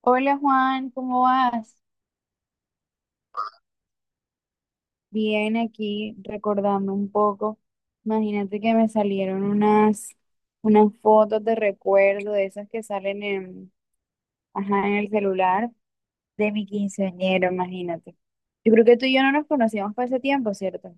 Hola Juan, ¿cómo vas? Bien, aquí recordando un poco. Imagínate que me salieron unas fotos de recuerdo de esas que salen en, ajá, en el celular de mi quinceañero, imagínate. Yo creo que tú y yo no nos conocíamos por ese tiempo, ¿cierto?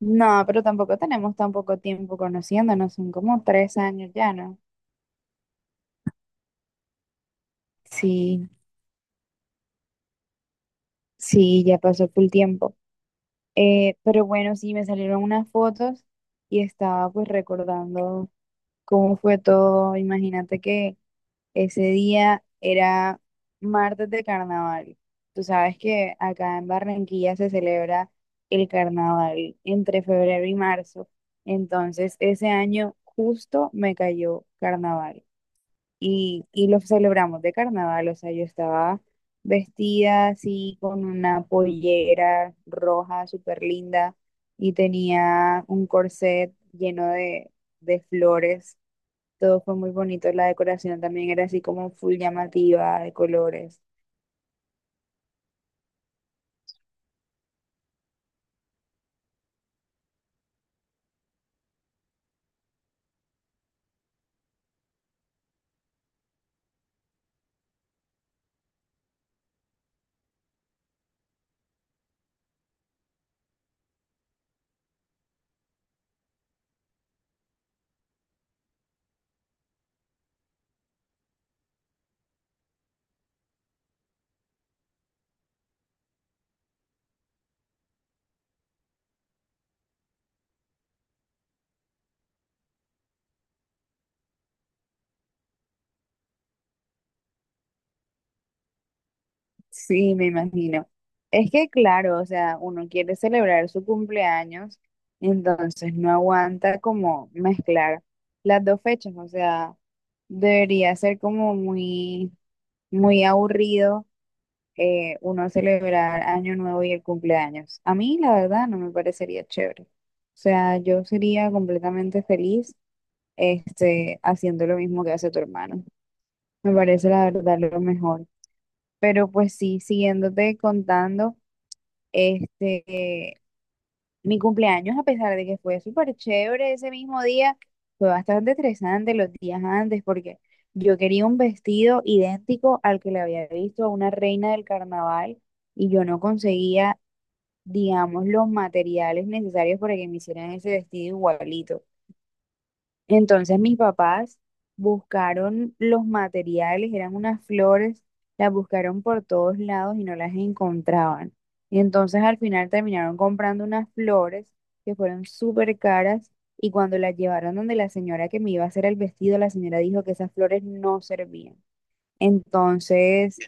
No, pero tampoco tenemos tan poco tiempo conociéndonos, son como 3 años ya, ¿no? Sí, sí, ya pasó full tiempo. Pero bueno, sí, me salieron unas fotos y estaba pues recordando cómo fue todo. Imagínate que ese día era martes de carnaval. Tú sabes que acá en Barranquilla se celebra el carnaval entre febrero y marzo. Entonces, ese año justo me cayó carnaval y lo celebramos de carnaval. O sea, yo estaba vestida así con una pollera roja súper linda y tenía un corset lleno de flores, todo fue muy bonito. La decoración también era así como full llamativa de colores. Sí, me imagino. Es que claro, o sea, uno quiere celebrar su cumpleaños, entonces no aguanta como mezclar las dos fechas. O sea, debería ser como muy, muy aburrido uno celebrar Año Nuevo y el cumpleaños. A mí, la verdad, no me parecería chévere. O sea, yo sería completamente feliz, haciendo lo mismo que hace tu hermano. Me parece la verdad lo mejor. Pero pues sí, siguiéndote contando, este, mi cumpleaños, a pesar de que fue súper chévere ese mismo día, fue bastante estresante los días antes porque yo quería un vestido idéntico al que le había visto a una reina del carnaval y yo no conseguía, digamos, los materiales necesarios para que me hicieran ese vestido igualito. Entonces mis papás buscaron los materiales, eran unas flores, las buscaron por todos lados y no las encontraban. Y entonces al final terminaron comprando unas flores que fueron súper caras, y cuando las llevaron donde la señora que me iba a hacer el vestido, la señora dijo que esas flores no servían. Entonces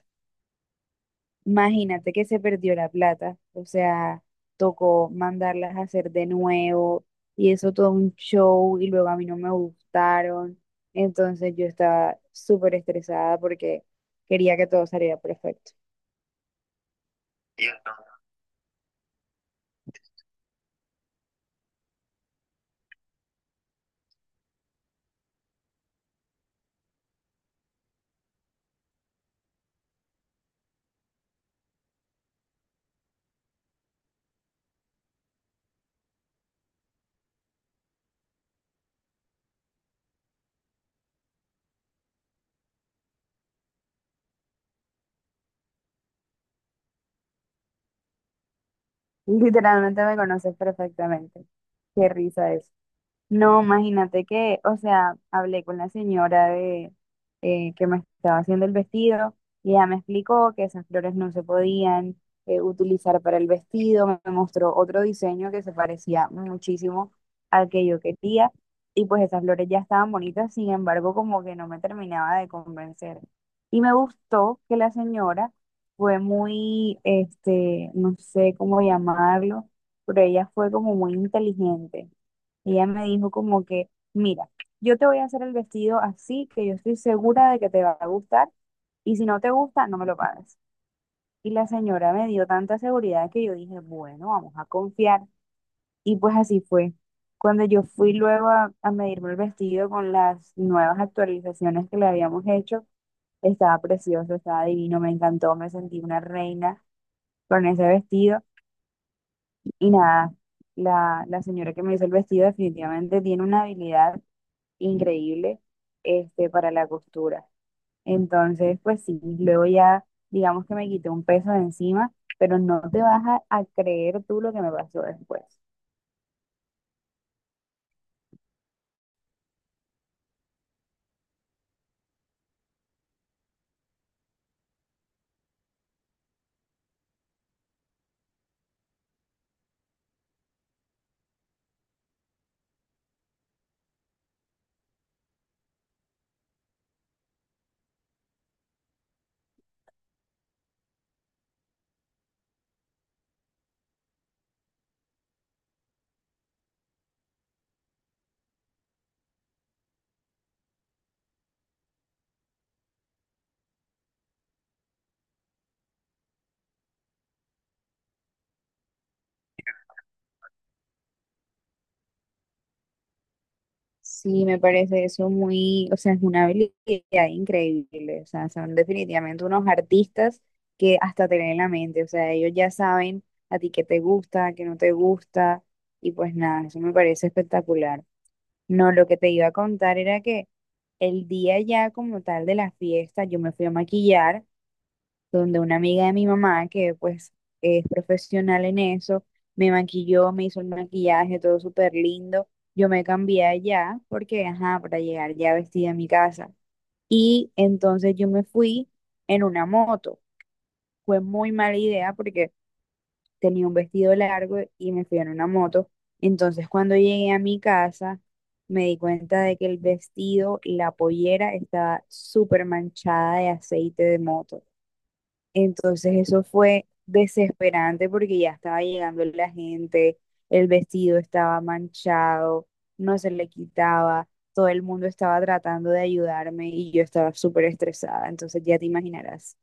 imagínate que se perdió la plata, o sea, tocó mandarlas a hacer de nuevo y eso todo un show y luego a mí no me gustaron. Entonces yo estaba súper estresada porque quería que todo saliera perfecto. Cierto. Literalmente me conoces perfectamente. Qué risa eso. No, imagínate que, o sea, hablé con la señora de que me estaba haciendo el vestido y ella me explicó que esas flores no se podían utilizar para el vestido. Me mostró otro diseño que se parecía muchísimo al que yo quería y pues esas flores ya estaban bonitas, sin embargo, como que no me terminaba de convencer. Y me gustó que la señora fue muy, no sé cómo llamarlo, pero ella fue como muy inteligente y ella me dijo como que, mira, yo te voy a hacer el vestido así, que yo estoy segura de que te va a gustar, y si no te gusta, no me lo pagas. Y la señora me dio tanta seguridad que yo dije, bueno, vamos a confiar. Y pues así fue. Cuando yo fui luego a medirme el vestido con las nuevas actualizaciones que le habíamos hecho, estaba precioso, estaba divino, me encantó, me sentí una reina con ese vestido. Y nada, la señora que me hizo el vestido definitivamente tiene una habilidad increíble, para la costura. Entonces, pues sí, luego ya digamos que me quité un peso de encima, pero no te vas a creer tú lo que me pasó después. Sí, me parece eso muy, o sea, es una habilidad increíble, o sea, son definitivamente unos artistas que hasta te leen la mente, o sea, ellos ya saben a ti qué te gusta, qué no te gusta, y pues nada, eso me parece espectacular. No, lo que te iba a contar era que el día ya como tal de la fiesta, yo me fui a maquillar donde una amiga de mi mamá, que pues es profesional en eso, me maquilló, me hizo el maquillaje, todo súper lindo. Yo me cambié allá porque, ajá, para llegar ya vestida a mi casa. Y entonces yo me fui en una moto. Fue muy mala idea porque tenía un vestido largo y me fui en una moto. Entonces, cuando llegué a mi casa, me di cuenta de que el vestido, la pollera, estaba súper manchada de aceite de moto. Entonces, eso fue desesperante porque ya estaba llegando la gente, el vestido estaba manchado, no se le quitaba, todo el mundo estaba tratando de ayudarme y yo estaba súper estresada. Entonces, ya te imaginarás.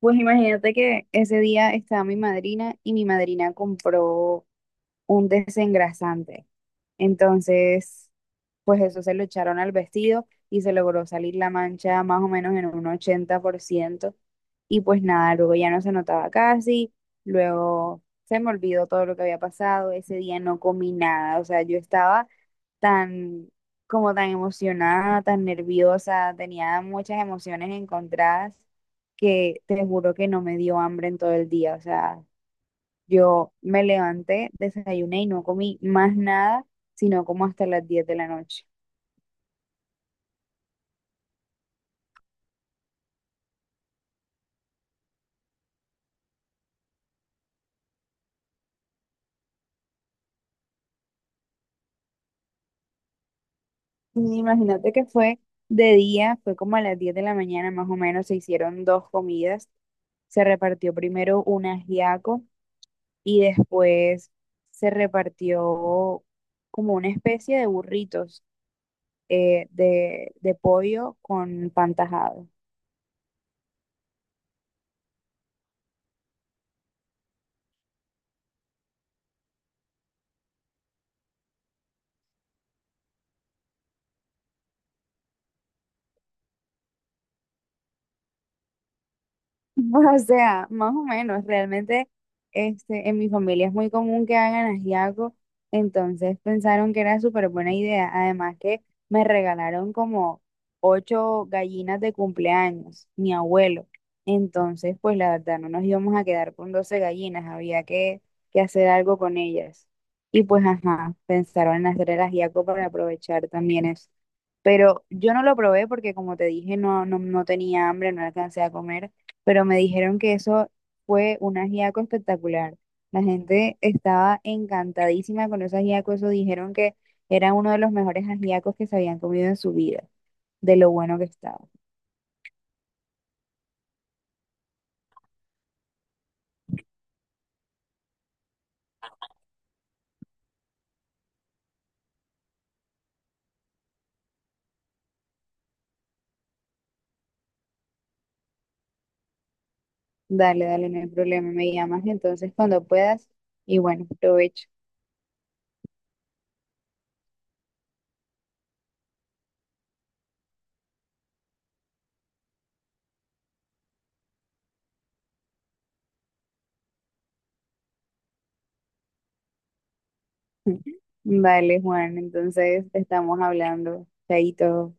Pues imagínate que ese día estaba mi madrina y mi madrina compró un desengrasante. Entonces, pues eso se lo echaron al vestido y se logró salir la mancha más o menos en un 80%. Y pues nada, luego ya no se notaba casi, luego se me olvidó todo lo que había pasado, ese día no comí nada, o sea, yo estaba tan, como tan emocionada, tan nerviosa, tenía muchas emociones encontradas que te juro que no me dio hambre en todo el día. O sea, yo me levanté, desayuné y no comí más nada, sino como hasta las 10 de la noche. Y imagínate que fue de día, fue como a las 10 de la mañana más o menos, se hicieron dos comidas. Se repartió primero un ajiaco y después se repartió como una especie de burritos, de pollo con pan tajado. O sea, más o menos, realmente, en mi familia es muy común que hagan ajiaco, entonces pensaron que era súper buena idea. Además que me regalaron como ocho gallinas de cumpleaños, mi abuelo. Entonces, pues la verdad, no nos íbamos a quedar con 12 gallinas, había que hacer algo con ellas. Y pues, ajá, pensaron en hacer el ajiaco para aprovechar también eso. Pero yo no lo probé porque, como te dije, no, no, no tenía hambre, no alcancé a comer, pero me dijeron que eso fue un ajiaco espectacular. La gente estaba encantadísima con ese ajiaco, eso dijeron que era uno de los mejores ajiacos que se habían comido en su vida, de lo bueno que estaba. Dale, dale, no hay problema, me llamas entonces cuando puedas y bueno, provecho. Dale, Juan, entonces estamos hablando. Chaito.